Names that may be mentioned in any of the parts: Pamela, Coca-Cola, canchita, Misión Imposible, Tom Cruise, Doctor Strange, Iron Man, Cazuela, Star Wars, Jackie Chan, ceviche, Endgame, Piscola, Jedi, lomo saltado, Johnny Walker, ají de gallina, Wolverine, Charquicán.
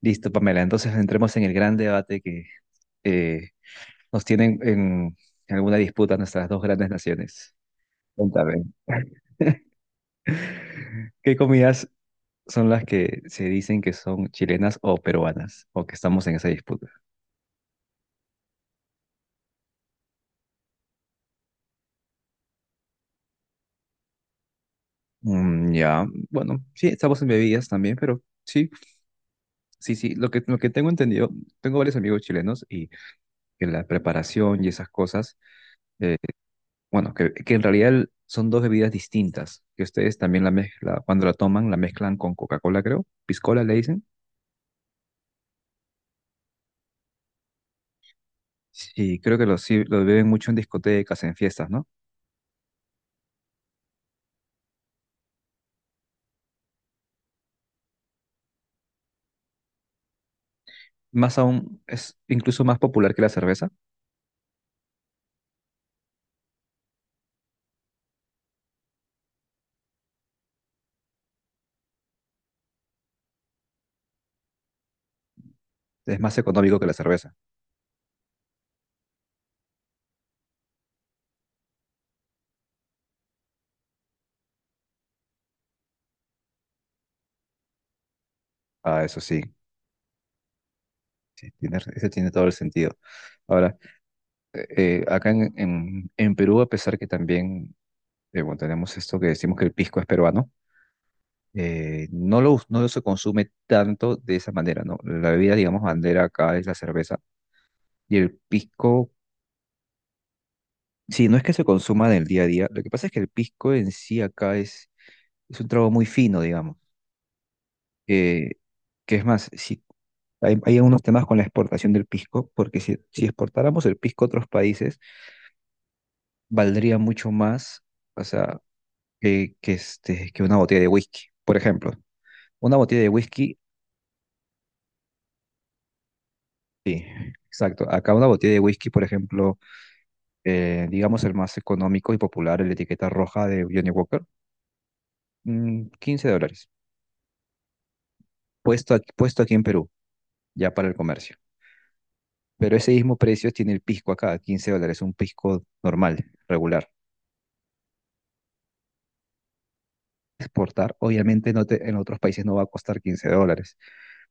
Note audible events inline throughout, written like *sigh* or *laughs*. Listo, Pamela. Entonces entremos en el gran debate que eh, nos tienen en alguna disputa nuestras dos grandes naciones. Cuéntame. ¿Qué comidas son las que se dicen que son chilenas o peruanas? O que estamos en esa disputa. Ya, bueno, sí, estamos en bebidas también, pero sí, sí, sí. Lo que tengo entendido, tengo varios amigos chilenos y que la preparación y esas cosas eh, bueno, que en realidad son dos bebidas distintas, que ustedes también la mezcla, cuando la toman, la mezclan con Coca-Cola, creo. Piscola le dicen. Sí, creo que lo, sí, lo beben mucho en discotecas, en fiestas, ¿no? Más aún, es incluso más popular que la cerveza. Es más económico que la cerveza. Ah, eso sí, sí, ese tiene todo el sentido. Ahora, acá en Perú, a pesar que también bueno, tenemos esto que decimos que el pisco es peruano, no se consume tanto de esa manera, ¿no? La bebida, digamos, bandera acá es la cerveza y el pisco, sí, no es que se consuma en el día a día, lo que pasa es que el pisco en sí acá es un trago muy fino, digamos, eh, que es más, si, hay algunos temas con la exportación del pisco, porque si exportáramos el pisco a otros países, valdría mucho más, o sea, que una botella de whisky, por ejemplo. Una botella de whisky, sí, exacto. Acá una botella de whisky, por ejemplo, digamos el más económico y popular, el etiqueta roja de Johnny Walker, $15, puesto aquí en Perú, ya para el comercio. Pero ese mismo precio tiene el pisco acá, $15, un pisco normal, regular. Exportar, obviamente, no te- en otros países no va a costar $15,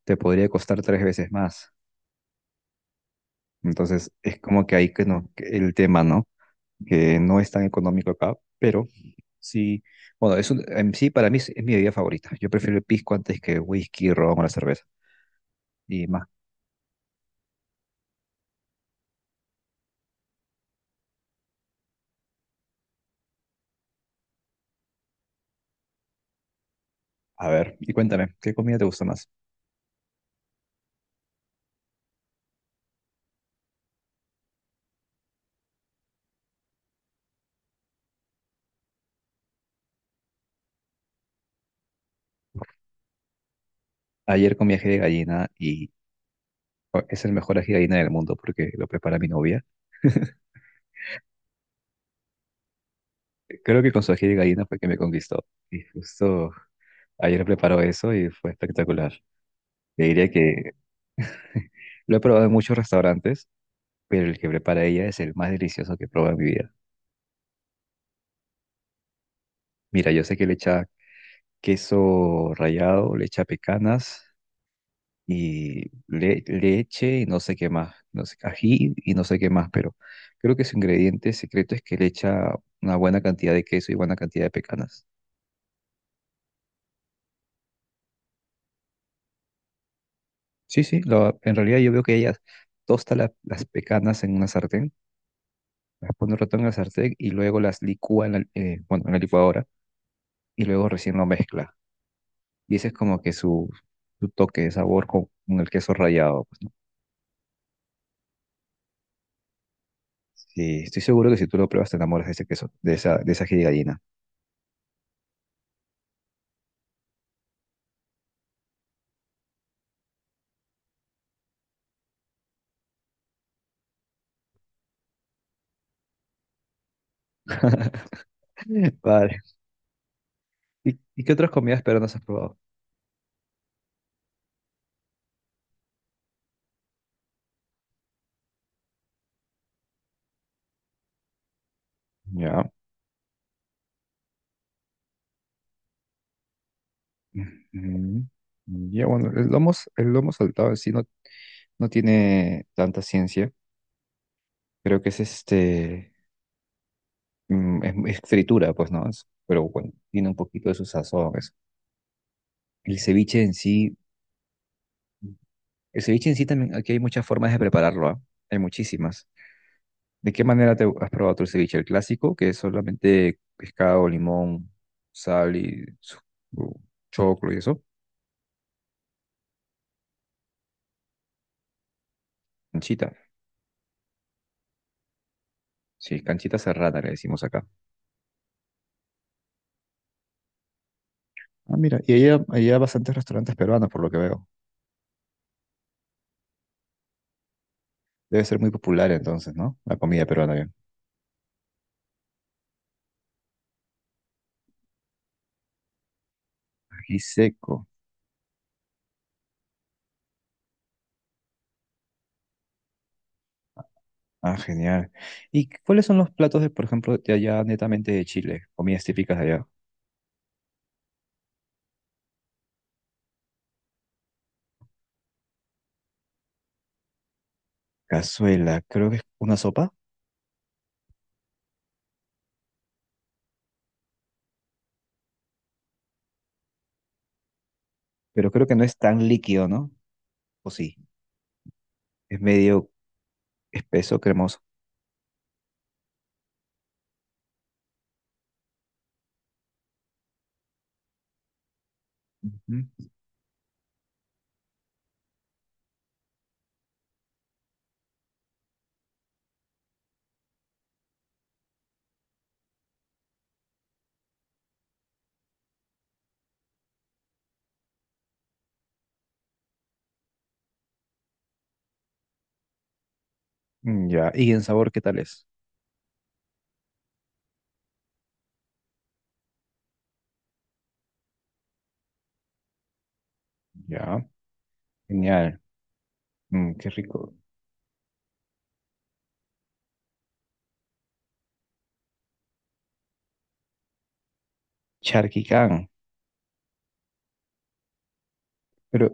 te podría costar tres veces más. Entonces, es como que ahí que no, que el tema, ¿no? Que no es tan económico acá, pero sí, bueno, en sí para mí es mi bebida favorita. Yo prefiero el pisco antes que whisky, ron o la cerveza. Y más, a ver, y cuéntame, ¿qué comida te gusta más? Ayer comí ají de gallina y es el mejor ají de gallina del mundo porque lo prepara mi novia. *laughs* Creo que con su ají de gallina fue que me conquistó. Y justo ayer preparó eso y fue espectacular. Le diría que *laughs* lo he probado en muchos restaurantes, pero el que prepara ella es el más delicioso que he probado en mi vida. Mira, yo sé que le echa queso rallado, le echa pecanas y leche y no sé qué más, no sé, ají y no sé qué más, pero creo que su ingrediente secreto es que le echa una buena cantidad de queso y buena cantidad de pecanas. Sí, sí, en realidad yo veo que ella tosta las pecanas en una sartén, las pone un rato en la sartén y luego las licúa bueno, en la licuadora y luego recién lo mezcla. Y ese es como que su toque de sabor con el queso rallado, pues. Sí, estoy seguro que si tú lo pruebas te enamoras de ese queso, de esa ají de gallina. *laughs* Vale. ¿Y qué otras comidas peruanas has probado? Ya. Ujú. Ya, bueno, el lomo saltado en sí no tiene tanta ciencia. Creo que es fritura, pues, ¿no? Pero bueno, tiene un poquito de su sazón, eso. El ceviche en sí, el ceviche en sí también, aquí hay muchas formas de prepararlo, ¿ah? Hay muchísimas. ¿De qué manera te has probado tu ceviche? El clásico, que es solamente pescado, limón, sal y choclo y eso, anchita. Sí, canchita cerrada le decimos acá. Ah, mira, y ahí hay bastantes restaurantes peruanos, por lo que veo. Debe ser muy popular entonces, ¿no? La comida peruana, bien. Ají seco. Ah, genial. ¿Y cuáles son los platos de, por ejemplo, de allá, netamente de Chile? Comidas típicas de allá. Cazuela, creo que es una sopa, pero creo que no es tan líquido, ¿no? O sí, es medio espeso, cremoso. Ujú. Mm, ya, ¿y en sabor qué tal es? Ya, genial. Qué rico. Charquicán. Pero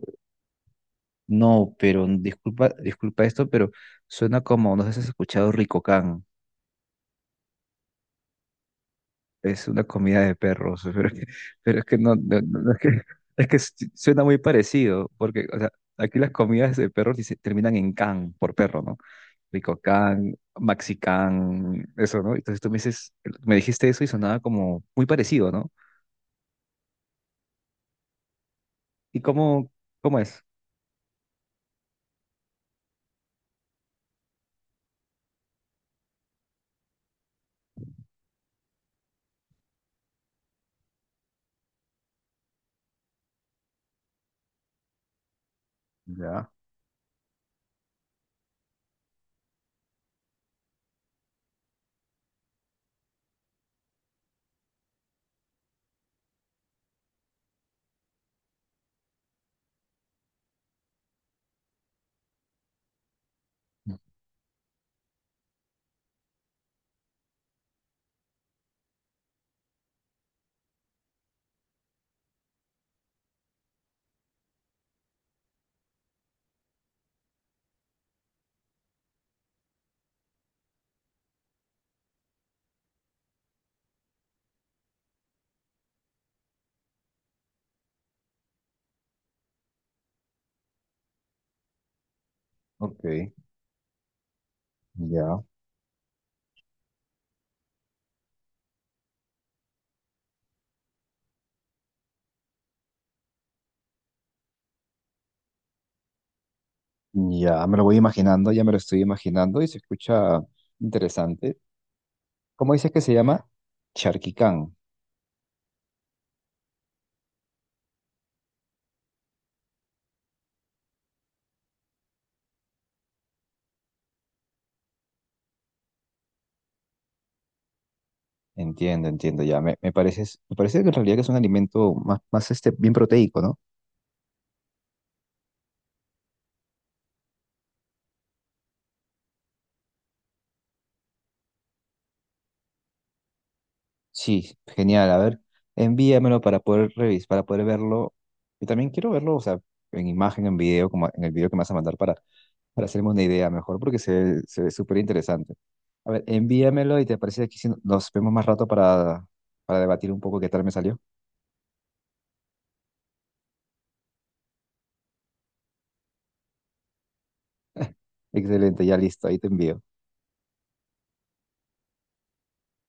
no, pero disculpa, esto, pero suena como, no sé si has escuchado Ricocán, es una comida de perros, *laughs* pero es que no es que, es que suena muy parecido, porque, o sea, aquí las comidas de perros terminan en can, por perro, ¿no? Ricocán, Maxicán, eso, ¿no? Entonces tú me dices, me dijiste eso y sonaba como muy parecido, ¿no? ¿Y cómo es? Ya, ok, ya, ya, me lo voy imaginando, ya me lo estoy imaginando y se escucha interesante. ¿Cómo dices que se llama? Charquicán. Entiendo, entiendo, ya. Me parece que en realidad que es un alimento más, más bien proteico, ¿no? Sí, genial. A ver, envíamelo para poder revisar, para poder verlo. Y también quiero verlo, o sea, en imagen, en video, como en el video que me vas a mandar para hacerme una idea mejor, porque se ve súper interesante. A ver, envíamelo y te parece aquí si nos vemos más rato para debatir un poco qué tal me salió. Excelente, ya listo, ahí te envío.